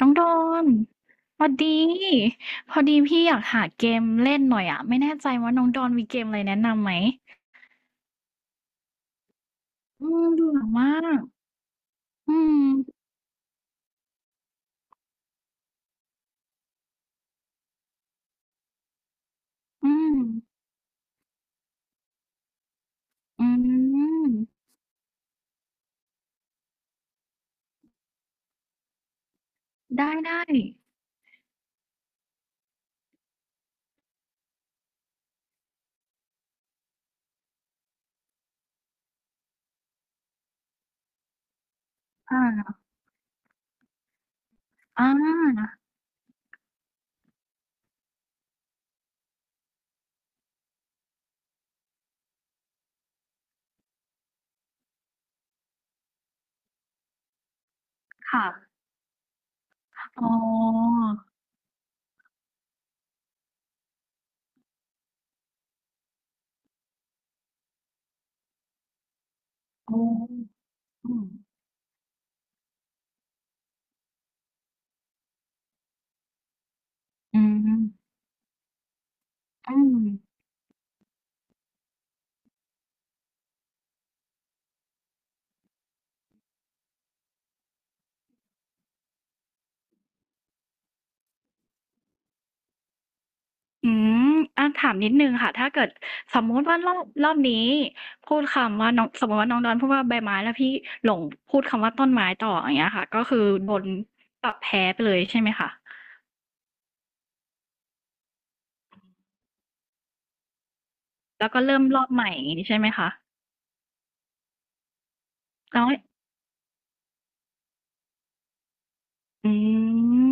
น้องโดนพอดีพอดีพี่อยากหาเกมเล่นหน่อยอ่ะไม่แน่ใจว่าน้องโดนมีเกมอะไรแนะนำไหมเบื่อมากอืมอืมอืมได้ได้อ่าอ่าค่ะอ๋ออ๋ออืมอืมอืม อืมอาถามนิดหนึ่งค่ะถ้าเกิดสมมุติว่ารอบรอบนี้พูดคำว่าน้องสมมุติว่าน้องดอนพูดว่าใบไม้แล้วพี่หลงพูดคำว่าต้นไม้ต่ออย่างเงี้ยค่ะก็คือโดนปรับแพ้ไปเลยใช่ไหมคะแล้วก็เริ่มรอบใหม่อย่างงี้ใช่ไหมคะแล้วอืม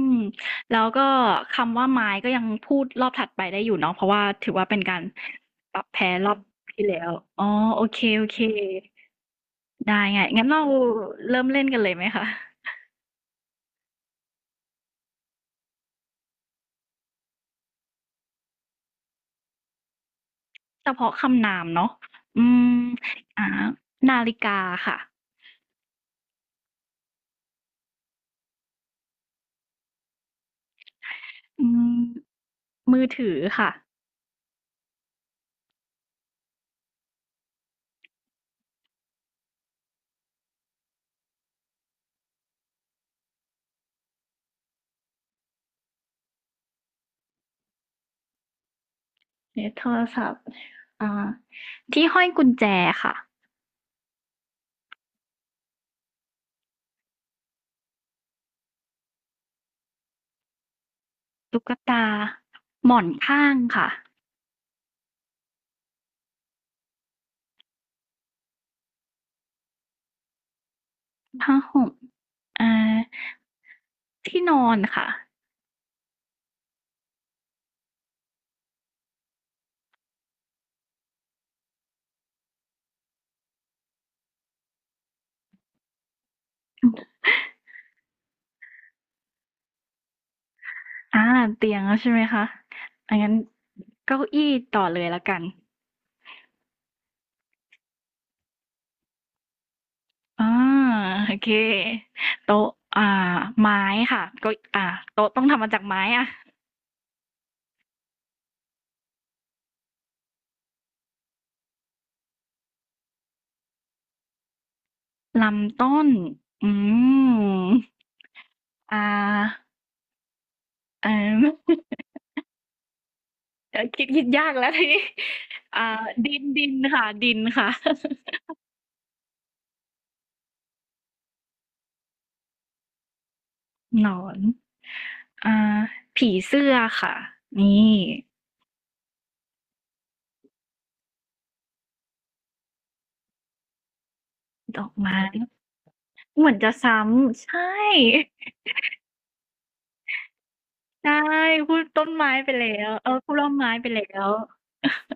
แล้วก็คำว่าไม้ก็ยังพูดรอบถัดไปได้อยู่เนาะเพราะว่าถือว่าเป็นการปรับแพ้รอบที่แล้วอ๋อโอเคๆได้ไงงั้นเราเริ่มเล่นกันเลยไหมคะ เฉพาะคำนามเนาะอืมอ่านาฬิกาค่ะอืมมือถือค่ะเนี่ยโทรศัพท์อ่าที่ห้อยกุญแจค่ะ ตุ๊กตา หมอนข้างค่ะผ้าห่มอ่าที่นอนค่ะอ่าเตียงแล้วใช่ไหมคะอังั้นเก้าอี้ต่อเลยละกันอ่าโอเคโต๊ะอ่าไม้ค่ะเก็อ่าโต๊ะต้องทำมาจากไม้อะ ลำต้น อืมอ่าเอ่อ เดี๋ยว คิดยากแล้วทีนี้อ่าดินค่ะดินค่ะ หนอน อ่าผีเสื้อค่ะนี่ดอกไม้เหมือนจะซ้ำใช่ใช่พูดต้นไม้ไปแล้วเออพูดร่มไม้ไปแล้ว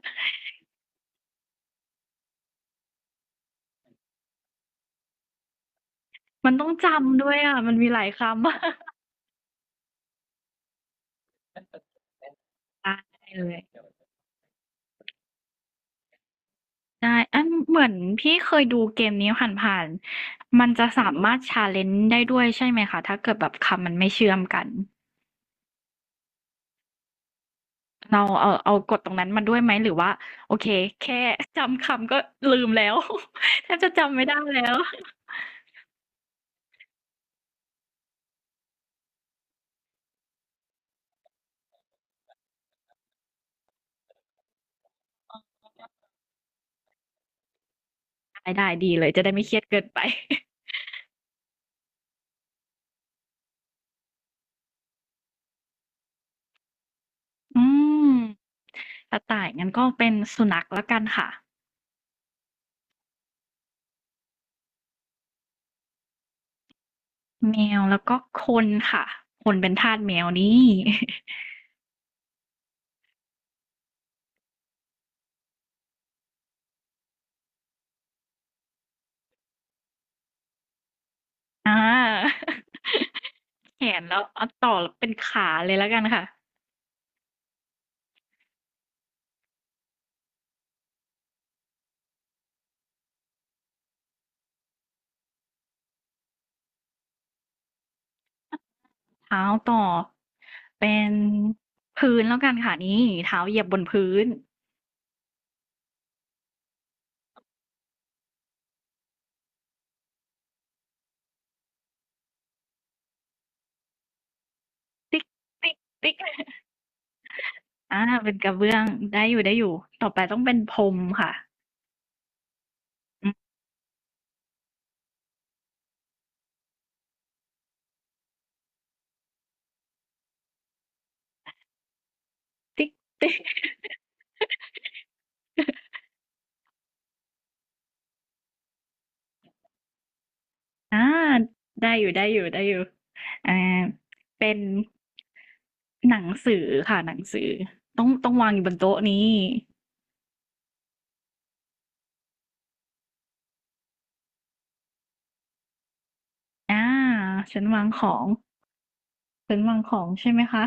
มันต้องจำด้วยอะมันมีหลายคำ อ่ะ ได้เลย ใช่อันเหมือนพี่เคยดูเกมนี้ผ่านๆมันจะสามารถชาเลนจ์ได้ด้วยใช่ไหมคะ ถ้าเกิดแบบคำมันไม่เชื่อมกัน เราเอากดตรงนั้นมาด้วยไหมหรือว่าโอเคแค่จำคำก็ลืมแล้ว แทบจะจำไม่ได้แล้วได้ได้ดีเลยจะได้ไม่เครียดเกินไป อืมกระต่ายงั้นก็เป็นสุนัขแล้วกันค่ะแมวแล้วก็คนค่ะคนเป็นทาสแมวนี่ อา แขนแล้วเอาต่อเป็นขาเลยแล้วกันค่ะเท้าต่อเป็นพื้นแล้วกันค่ะนี่เท้าเหยียบบนพื้นติ๊กติ๊กติ๊ก อาเป็นกระเบื้องได้อยู่ได้อยู่ต่อไปต้องเป็นพรมค่ะอืมติ๊กติ๊กอาได้อยู่ได้อยู่ได้อยู่อ่าเป็นหนังสือค่ะหนังสือต้องวางอยู่บนโต๊ะนี้อาฉันวางของฉันวางของใช่ไหมคะ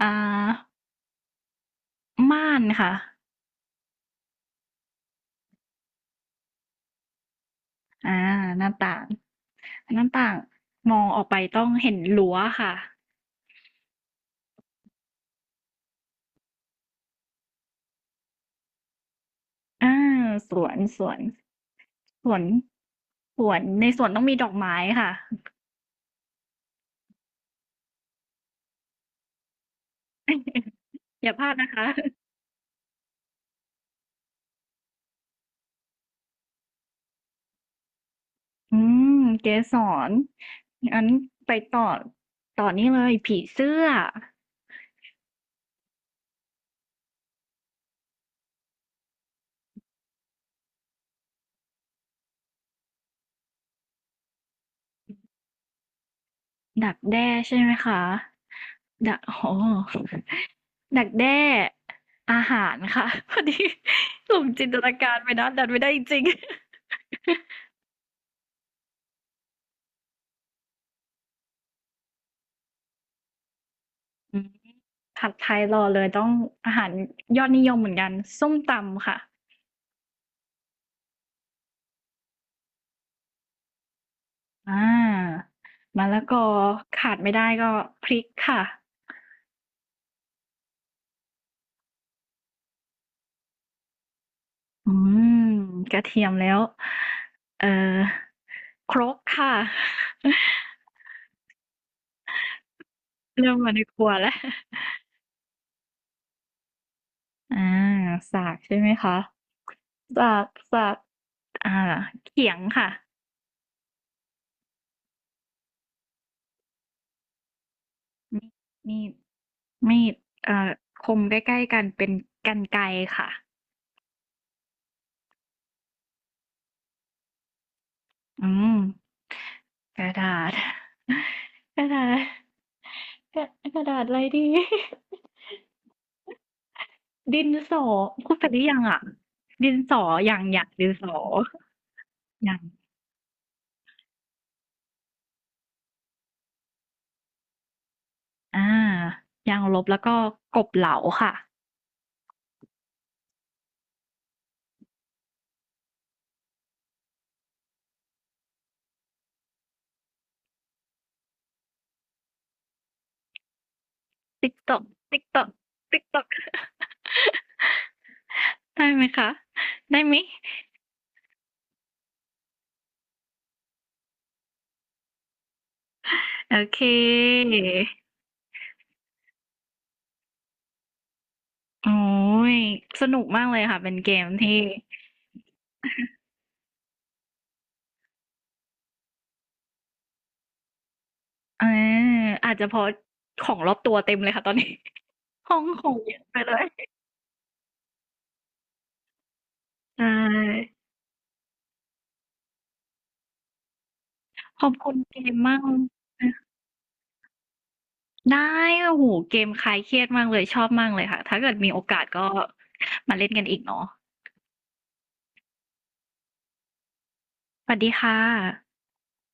อ่าม่านค่ะอ่าหน้าต่างหน้าต่างมองออกไปต้องเห็นรั้วค่ะอ่าสวนสวนสวนสวนในสวนต้องมีดอกไม้ค่ะ อย่าพลาดนะคะอืมเกสรอันไปต่อต่อนี่เลยผีเสื้อดักแด้ใช่ไหมคะดักโอ้ดักแด้อาหารค่ะพอดี หลงจินตนาการไปนะดันไม่ได้จริง อืมผัดไทยรอเลยต้องอาหารยอดนิยมเหมือนกันส้มตำค่ะอามะละกอขาดไม่ได้ก็พริกค่ะอืมกระเทียมแล้วเอ่อครกค่ะ เริ่มมาในครัวแล้วอาสากใช่ไหมคะสากสากอ่าเขียงค่ะมีดมีดมีดเอ่อคมใกล้ๆกันเป็นกรรไกรค่ะ อืมกระดาษ กระดาษกระกระดาษอะไรดี ดินสอพูดไปหรือยังอ่ะดินสออย่างอย่างดินสออย่างอ่ายางลบแล้วก็กบเหลาค่ะติ๊กตอกติ๊กตอกติ๊กตอก ได้ไหมคะได้ไหมยโอเคโอ้ยสนุกมากเลยค่ะเป็นเกมที่ อาอาจจะเพราะของรอบตัวเต็มเลยค่ะตอนนี้ ห้องของเยอะไปเลยใช่ขอบคุณเกมมากนะได้โอ้โฮเกมคลายเครียดมากเลยชอบมากเลยค่ะถ้าเกิดมีโอกาสก็มาเล่นกันอีกเนาะสวัสดีค่ะ